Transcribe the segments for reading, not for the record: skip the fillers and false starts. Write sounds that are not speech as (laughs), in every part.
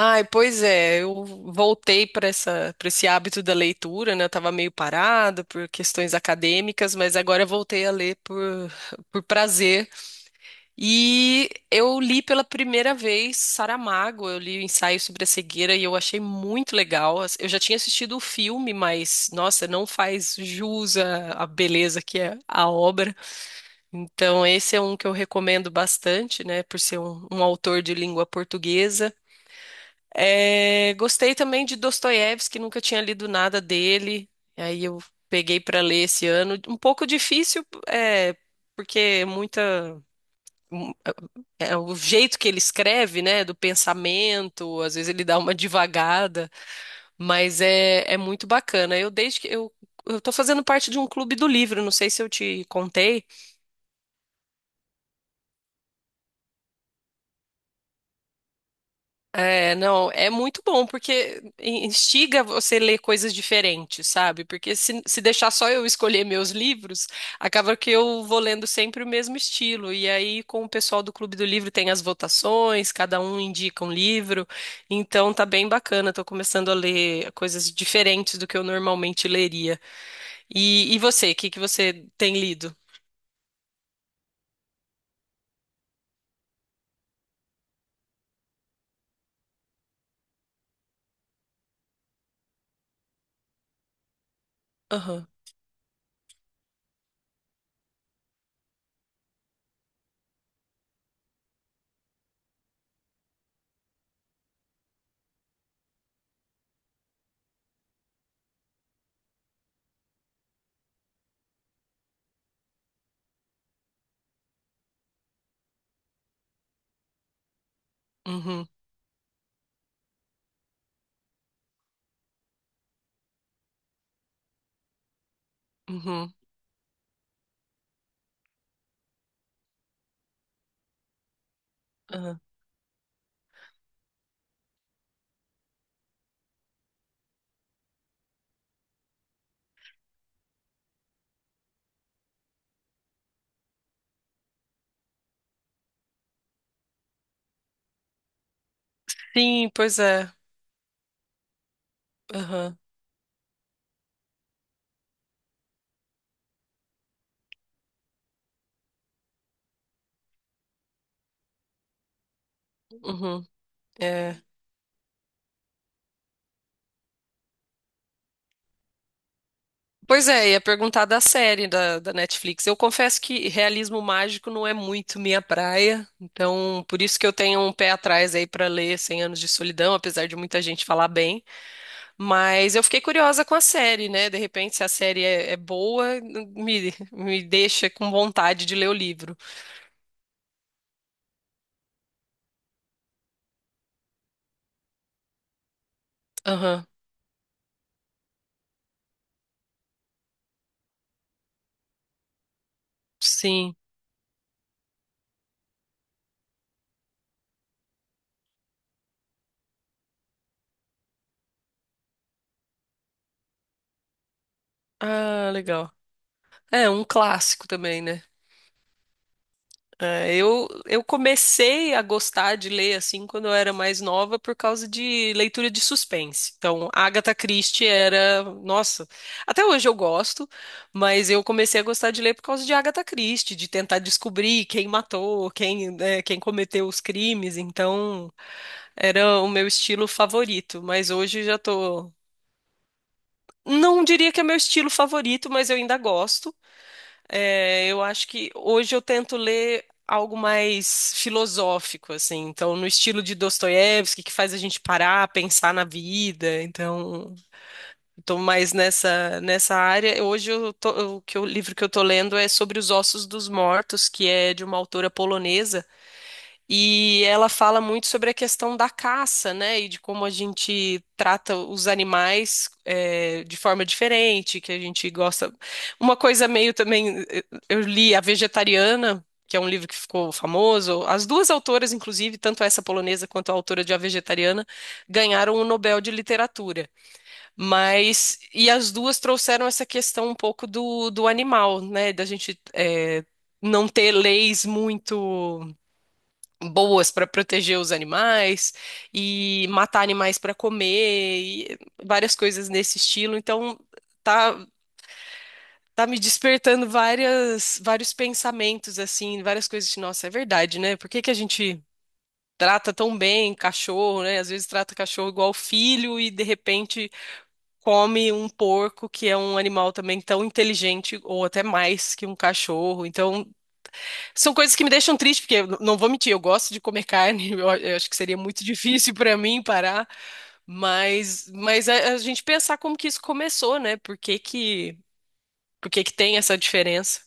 Ai, pois é, eu voltei para essa, para esse hábito da leitura, né? Eu estava meio parada por questões acadêmicas, mas agora eu voltei a ler por prazer. E eu li pela primeira vez Saramago, eu li o Ensaio sobre a Cegueira e eu achei muito legal. Eu já tinha assistido o filme, mas nossa, não faz jus à beleza que é a obra. Então, esse é um que eu recomendo bastante, né? Por ser um autor de língua portuguesa. É, gostei também de Dostoiévski, nunca tinha lido nada dele. Aí eu peguei para ler esse ano. Um pouco difícil, é, porque é muita um, é é o jeito que ele escreve, né, do pensamento, às vezes ele dá uma divagada, mas é muito bacana. Eu desde que eu tô fazendo parte de um clube do livro, não sei se eu te contei. É, não, é muito bom, porque instiga você a ler coisas diferentes, sabe? Porque se deixar só eu escolher meus livros, acaba que eu vou lendo sempre o mesmo estilo. E aí, com o pessoal do Clube do Livro, tem as votações, cada um indica um livro. Então, tá bem bacana, tô começando a ler coisas diferentes do que eu normalmente leria. E você, o que que você tem lido? Aham. Uhum. Uhum. Aham. Sim, pois é. Aham. Uhum. É. Pois é, ia perguntar da série da Netflix. Eu confesso que realismo mágico não é muito minha praia, então por isso que eu tenho um pé atrás aí pra ler Cem Anos de Solidão, apesar de muita gente falar bem. Mas eu fiquei curiosa com a série, né? De repente, se a série é boa, me deixa com vontade de ler o livro. Aham. Sim. Ah, legal. É um clássico também, né? É, eu comecei a gostar de ler assim quando eu era mais nova por causa de leitura de suspense. Então, Agatha Christie era, nossa, até hoje eu gosto, mas eu comecei a gostar de ler por causa de Agatha Christie, de tentar descobrir quem matou, quem, né, quem cometeu os crimes. Então, era o meu estilo favorito, mas hoje já tô, não diria que é meu estilo favorito, mas eu ainda gosto. É, eu acho que hoje eu tento ler algo mais filosófico, assim, então no estilo de Dostoiévski, que faz a gente parar, pensar na vida. Então, estou mais nessa área. Hoje eu tô- o que eu- o livro que eu tô lendo é sobre os ossos dos mortos, que é de uma autora polonesa. E ela fala muito sobre a questão da caça, né? E de como a gente trata os animais de forma diferente, que a gente gosta. Uma coisa meio também, eu li A Vegetariana, que é um livro que ficou famoso. As duas autoras, inclusive, tanto essa polonesa quanto a autora de A Vegetariana, ganharam o Nobel de Literatura. Mas, e as duas trouxeram essa questão um pouco do animal, né? Da gente não ter leis muito boas para proteger os animais e matar animais para comer e várias coisas nesse estilo. Então tá tá me despertando várias vários pensamentos assim, várias coisas de nossa, é verdade, né? Por que que a gente trata tão bem cachorro, né? Às vezes trata cachorro igual filho e de repente come um porco que é um animal também tão inteligente ou até mais que um cachorro. Então são coisas que me deixam triste, porque eu não vou mentir, eu gosto de comer carne, (laughs) eu acho que seria muito difícil para mim parar, mas a gente pensar como que isso começou, né? Por que que tem essa diferença?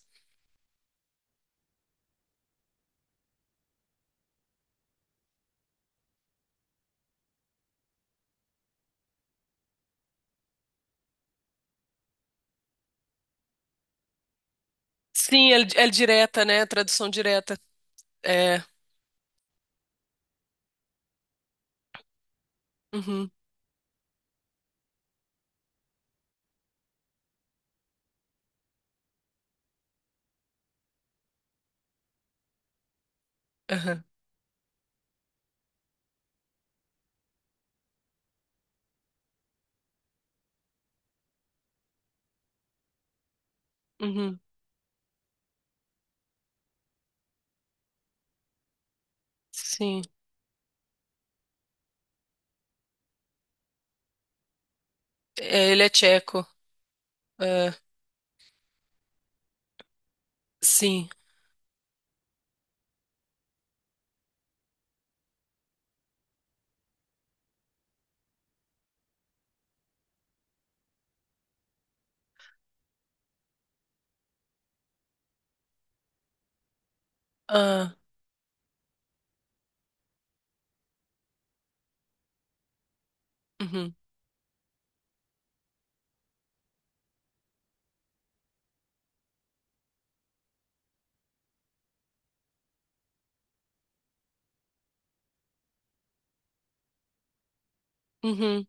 Sim, é, é direta, né? Tradução direta. É. Uhum. Aham. Uhum. Sim. É, ele é tcheco. É, sim. Ah. Uhum. Uhum.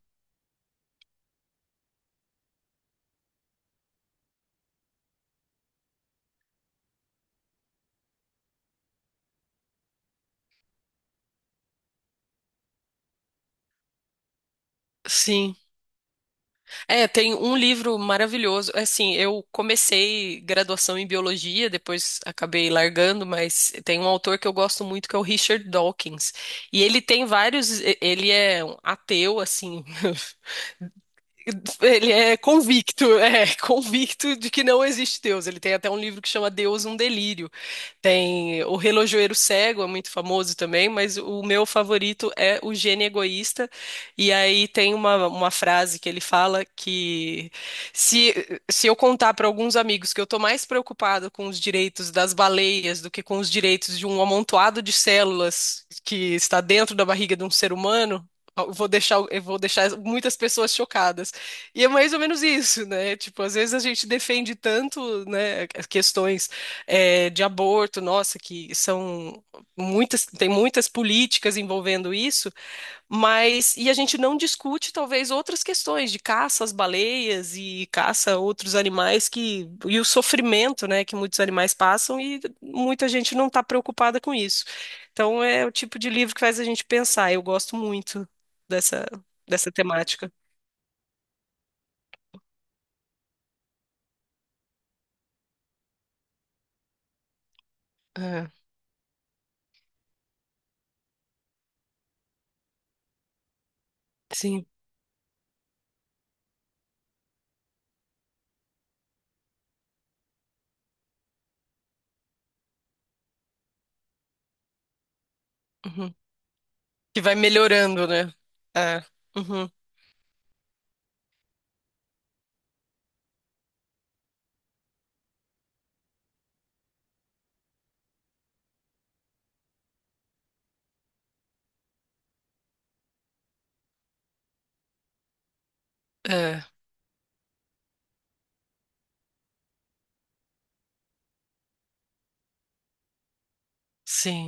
Sim. É, tem um livro maravilhoso. Assim, eu comecei graduação em biologia, depois acabei largando, mas tem um autor que eu gosto muito que é o Richard Dawkins. E ele tem ele é um ateu, assim, (laughs) ele é convicto, é (laughs) convicto de que não existe Deus. Ele tem até um livro que chama Deus, um Delírio. Tem O Relojoeiro Cego, é muito famoso também, mas o meu favorito é O Gênio Egoísta. E aí tem uma frase que ele fala que se, se eu contar para alguns amigos que eu estou mais preocupado com os direitos das baleias do que com os direitos de um amontoado de células que está dentro da barriga de um ser humano, eu vou deixar muitas pessoas chocadas. E é mais ou menos isso, né? Tipo, às vezes a gente defende tanto, né, as questões de aborto, nossa, que são muitas, tem muitas políticas envolvendo isso, mas e a gente não discute talvez outras questões de caça às baleias e caça a outros animais que e o sofrimento, né, que muitos animais passam e muita gente não está preocupada com isso. Então é o tipo de livro que faz a gente pensar. Eu gosto muito dessa dessa temática. É, sim. Uhum. Que vai melhorando, né? É. Uhum. É, sim.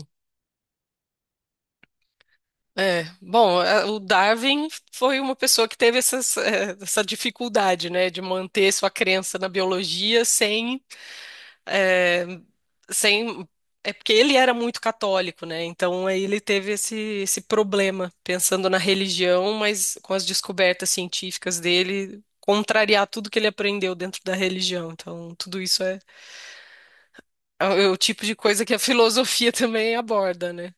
É, bom, a- o Darwin foi uma pessoa que teve essas, essa dificuldade, né, de manter sua crença na biologia sem, eh, sem, é porque ele era muito católico, né? Então aí ele teve esse problema pensando na religião, mas com as descobertas científicas dele contrariar tudo que ele aprendeu dentro da religião. Então tudo isso é o é tipo de coisa que a (laughs) filosofia também aborda, né?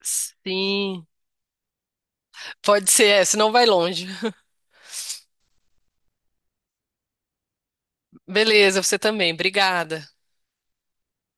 Sim, pode ser, é, senão vai longe. Beleza, você também. Obrigada.